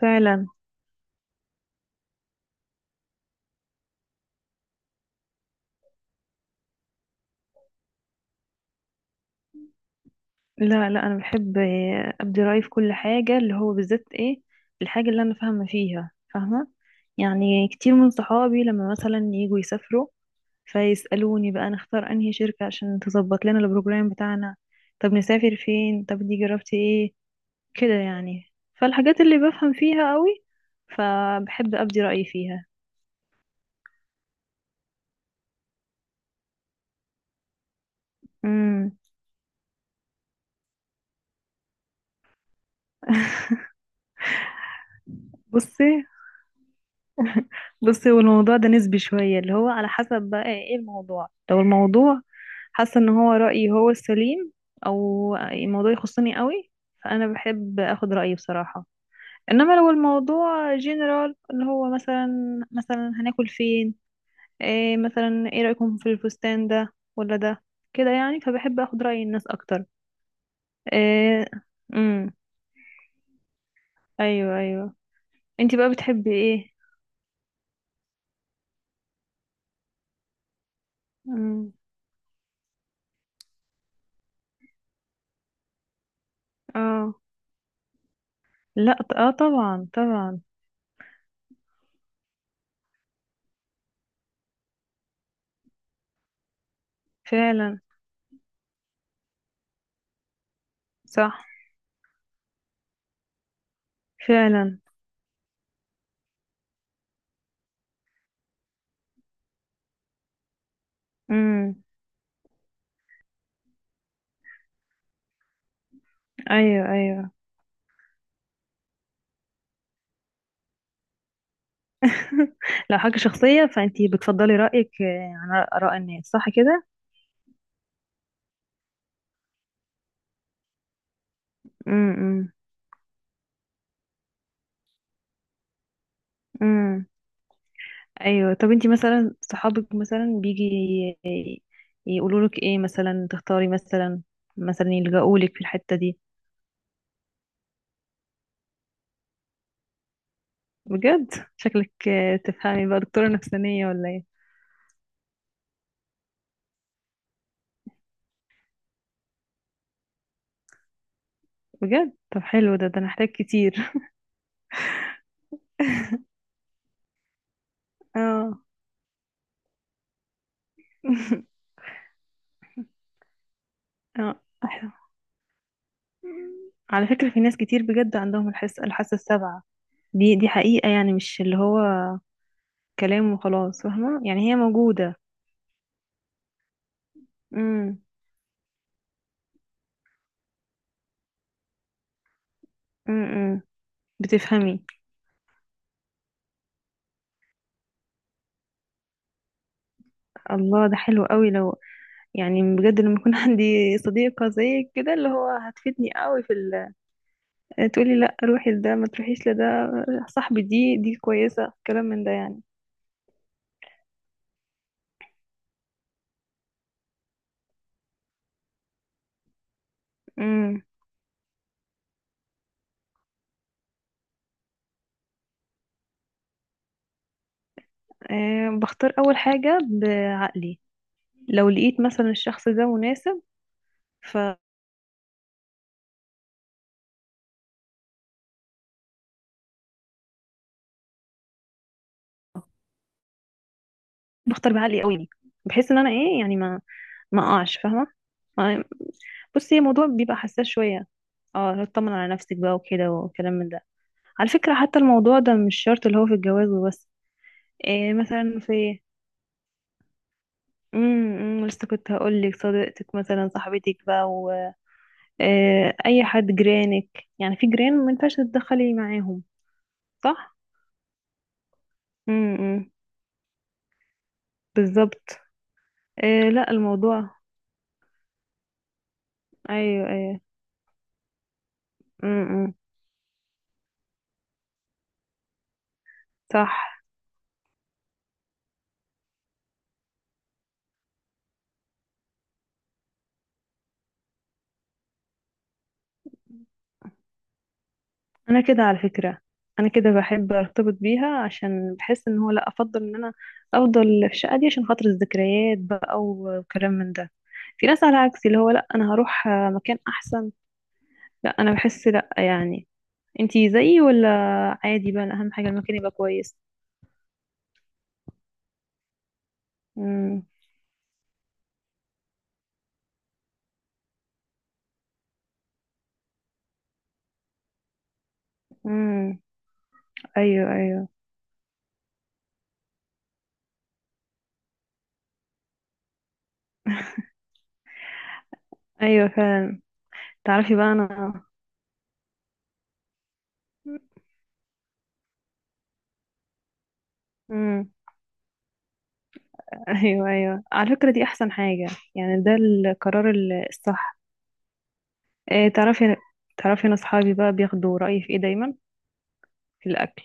فعلا. لا، لا، انا بحب ابدي رايي في كل حاجه، اللي هو بالذات ايه الحاجه اللي انا فاهمه فيها فاهمه. يعني كتير من صحابي لما مثلا يجوا يسافروا، فيسالوني بقى نختار انهي شركه عشان تظبط لنا البروجرام بتاعنا، طب نسافر فين، طب دي جربتي ايه، كده يعني. فالحاجات اللي بفهم فيها قوي، فبحب ابدي رايي فيها. امم. بصي بصي، والموضوع ده نسبي شويه، اللي هو على حسب بقى ايه الموضوع. لو الموضوع حاسه ان هو رايي هو السليم، او الموضوع يخصني قوي، فانا بحب اخد رايي بصراحه. انما لو الموضوع جنرال، اللي هو مثلا هناكل فين، إيه مثلا، ايه رايكم في الفستان ده ولا ده، كده يعني، فبحب اخد راي الناس اكتر. إيه، امم، ايوه ايوه. انتي بقى بتحبي ايه؟ امم. اه، لا، اه، طبعا طبعا. فعلا. صح. فعلا. امم. ايوه ايوه. لو حاجة شخصية فأنتي بتفضلي رأيك عن آراء الناس، صح كده؟ امم، امم. أيوة، طب أنتي مثلا صحابك مثلا بيجي يقولوا لك إيه، مثلا تختاري مثلا يلجأوا لك في الحتة دي؟ بجد؟ شكلك تفهمي بقى دكتورة نفسانية ولا إيه؟ بجد؟ طب حلو ده أنا هحتاج كتير. اه. اه، أحلى. على فكرة في ناس كتير بجد عندهم الحاسة السابعة، دي حقيقة يعني، مش اللي هو كلام وخلاص، فاهمة، يعني هي موجودة. امم، امم. بتفهمي. الله، ده حلو قوي. لو يعني بجد لما يكون عندي صديقة زيك كده اللي هو هتفيدني قوي تقولي لا روحي لده ما تروحيش لده، صاحبي دي كويسة كلام من ده يعني. امم. أه، بختار أول حاجة بعقلي. لو لقيت مثلا الشخص ده مناسب، فبختار بعقلي قوي، بحيث ان انا ايه يعني، ما اقعش فاهمة ما. بصي الموضوع بيبقى حساس شوية، اه اطمن على نفسك بقى وكده وكلام من ده. على فكرة حتى الموضوع ده مش شرط اللي هو في الجواز وبس، إيه مثلا في، إمم، لسه كنت هقول لك صديقتك مثلا صاحبتك بقى و... إيه اي حد، جيرانك يعني، في جيران ما ينفعش تتدخلي معاهم. صح. امم. بالظبط. إيه، لا، الموضوع ايوه ايوه، امم، إمم، صح. انا كده على فكرة، انا كده بحب ارتبط بيها، عشان بحس ان هو لا افضل ان انا افضل في الشقة دي عشان خاطر الذكريات بقى وكلام من ده. في ناس على عكسي اللي هو لا انا هروح مكان احسن، لا انا بحس لا يعني. انتي زيي ولا عادي بقى؟ أنا اهم حاجة المكان يبقى كويس. امم، امم. ايوه، ايوه، ايوه. فعلا. تعرفي بقى انا، امم، ايوه ايوه، على فكرة دي احسن حاجة، يعني ده القرار الصح. إيه، تعرفي، انا اصحابي بقى بياخدوا رأيي في ايه دايما. في الاكل.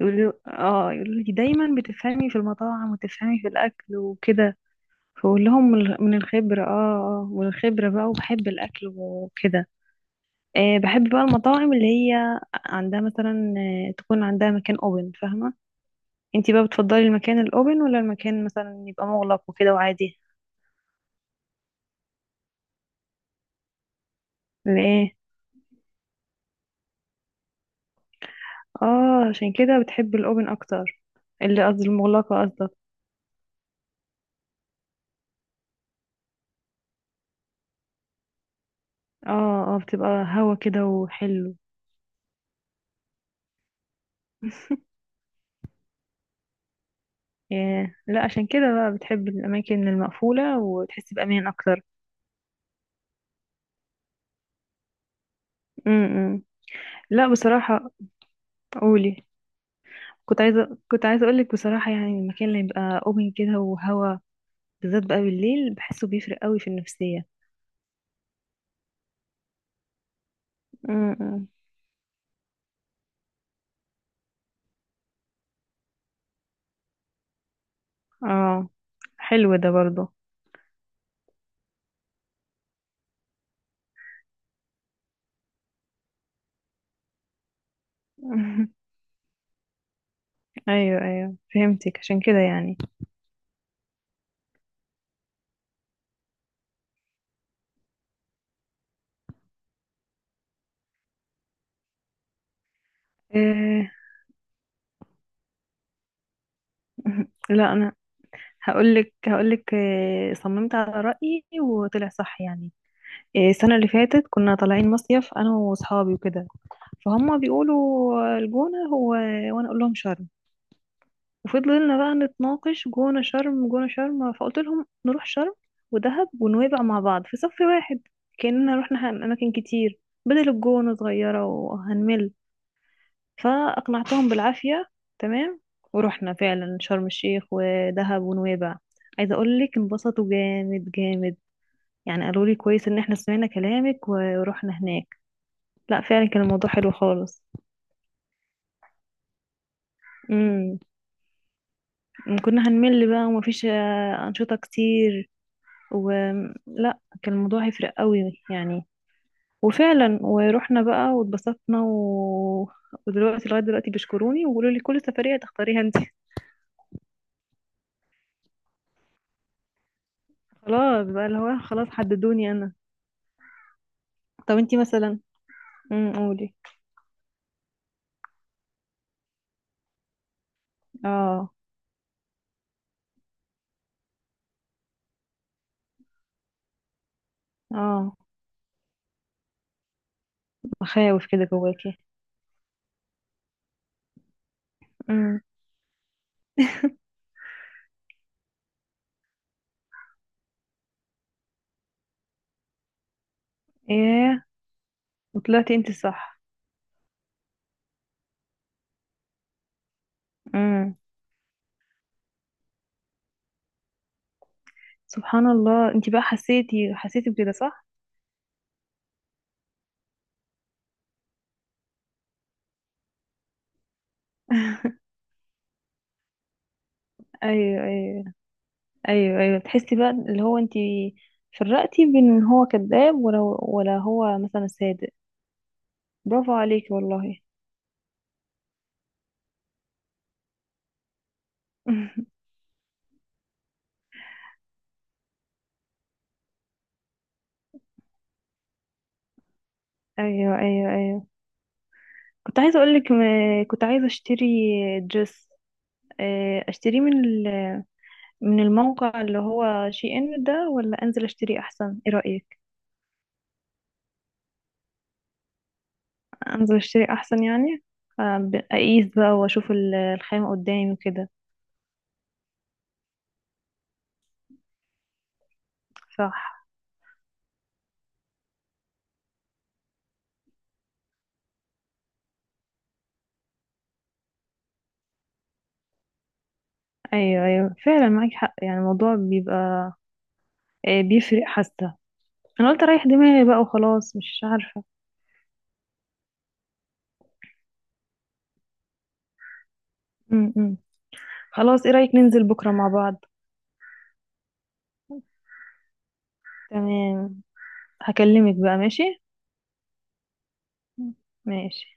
يقولوا اه يقولوا لي دايما بتفهمي في المطاعم وتفهمي في الاكل وكده. فاقول لهم من الخبرة، اه. اه، من الخبرة بقى، وبحب الاكل وكده. إيه، بحب بقى المطاعم اللي هي عندها مثلا تكون عندها مكان اوبن، فاهمة؟ انتي بقى بتفضلي المكان الاوبن ولا المكان مثلا يبقى مغلق وكده وعادي؟ ليه؟ اه عشان كده بتحب الاوبن اكتر، اللي قصدي المغلقة قصدك؟ اه. اه، بتبقى هوا كده وحلو. ياه، لا عشان كده بقى بتحب الأماكن المقفولة وتحس بأمان أكتر. امم. لا بصراحة، قولي. كنت عايزة أقولك بصراحة، يعني المكان اللي يبقى أوبن كده وهوا، بالذات بقى بالليل، بحسه بيفرق قوي في النفسية. امم. اه، حلو ده برضه. أيوه أيوه، فهمتك عشان كده يعني. إيه. لا أنا هقولك، إيه، صممت على رأيي وطلع صح يعني. إيه، السنة اللي فاتت كنا طالعين مصيف أنا وصحابي وكده، فهم بيقولوا الجونة هو وأنا أقول لهم شرم، وفضلنا بقى نتناقش جونة شرم جونة شرم، فقلت لهم نروح شرم ودهب ونويبع مع بعض في صف واحد، كأننا رحنا أماكن كتير، بدل الجونة صغيرة وهنمل. فأقنعتهم بالعافية، تمام، ورحنا فعلا شرم الشيخ ودهب ونويبع. عايزة أقول لك انبسطوا جامد جامد، يعني قالوا لي كويس إن احنا سمعنا كلامك ورحنا هناك. لا فعلا كان الموضوع حلو خالص. امم، كنا هنمل بقى، ومفيش أنشطة كتير، ولا كان الموضوع هيفرق قوي يعني. وفعلا ورحنا بقى واتبسطنا و... ودلوقتي لغاية دلوقتي بيشكروني وبيقولوا لي كل سفرية تختاريها انت. خلاص بقى، اللي هو خلاص حددوني انا. طب انتي مثلا. امم. قولي. اه. اه، مخاوف كده جواكي. امم. ايه. وطلعتي انت صح. امم. سبحان الله، انت بقى حسيتي، بكده صح. ايوه ايوه، ايوه ايوه، تحسي بقى اللي هو انت فرقتي بين ان هو كذاب ولا هو مثلا صادق. برافو عليكي والله. ايوه ايوه ايوه. كنت عايزه اقول لك كنت عايزه اشتري دريس، اشتريه من من الموقع اللي هو شي ان ده ولا انزل اشتري احسن، ايه رايك؟ انزل اشتري احسن يعني، اقيس بقى واشوف الخامه قدامي وكده. صح ايوه ايوه، فعلا معاك حق، يعني الموضوع بيبقى بيفرق، حاسه انا قلت اريح دماغي بقى وخلاص، مش عارفة. م -م. خلاص، ايه رأيك ننزل بكرة مع بعض؟ تمام، هكلمك بقى. ماشي. ماشي.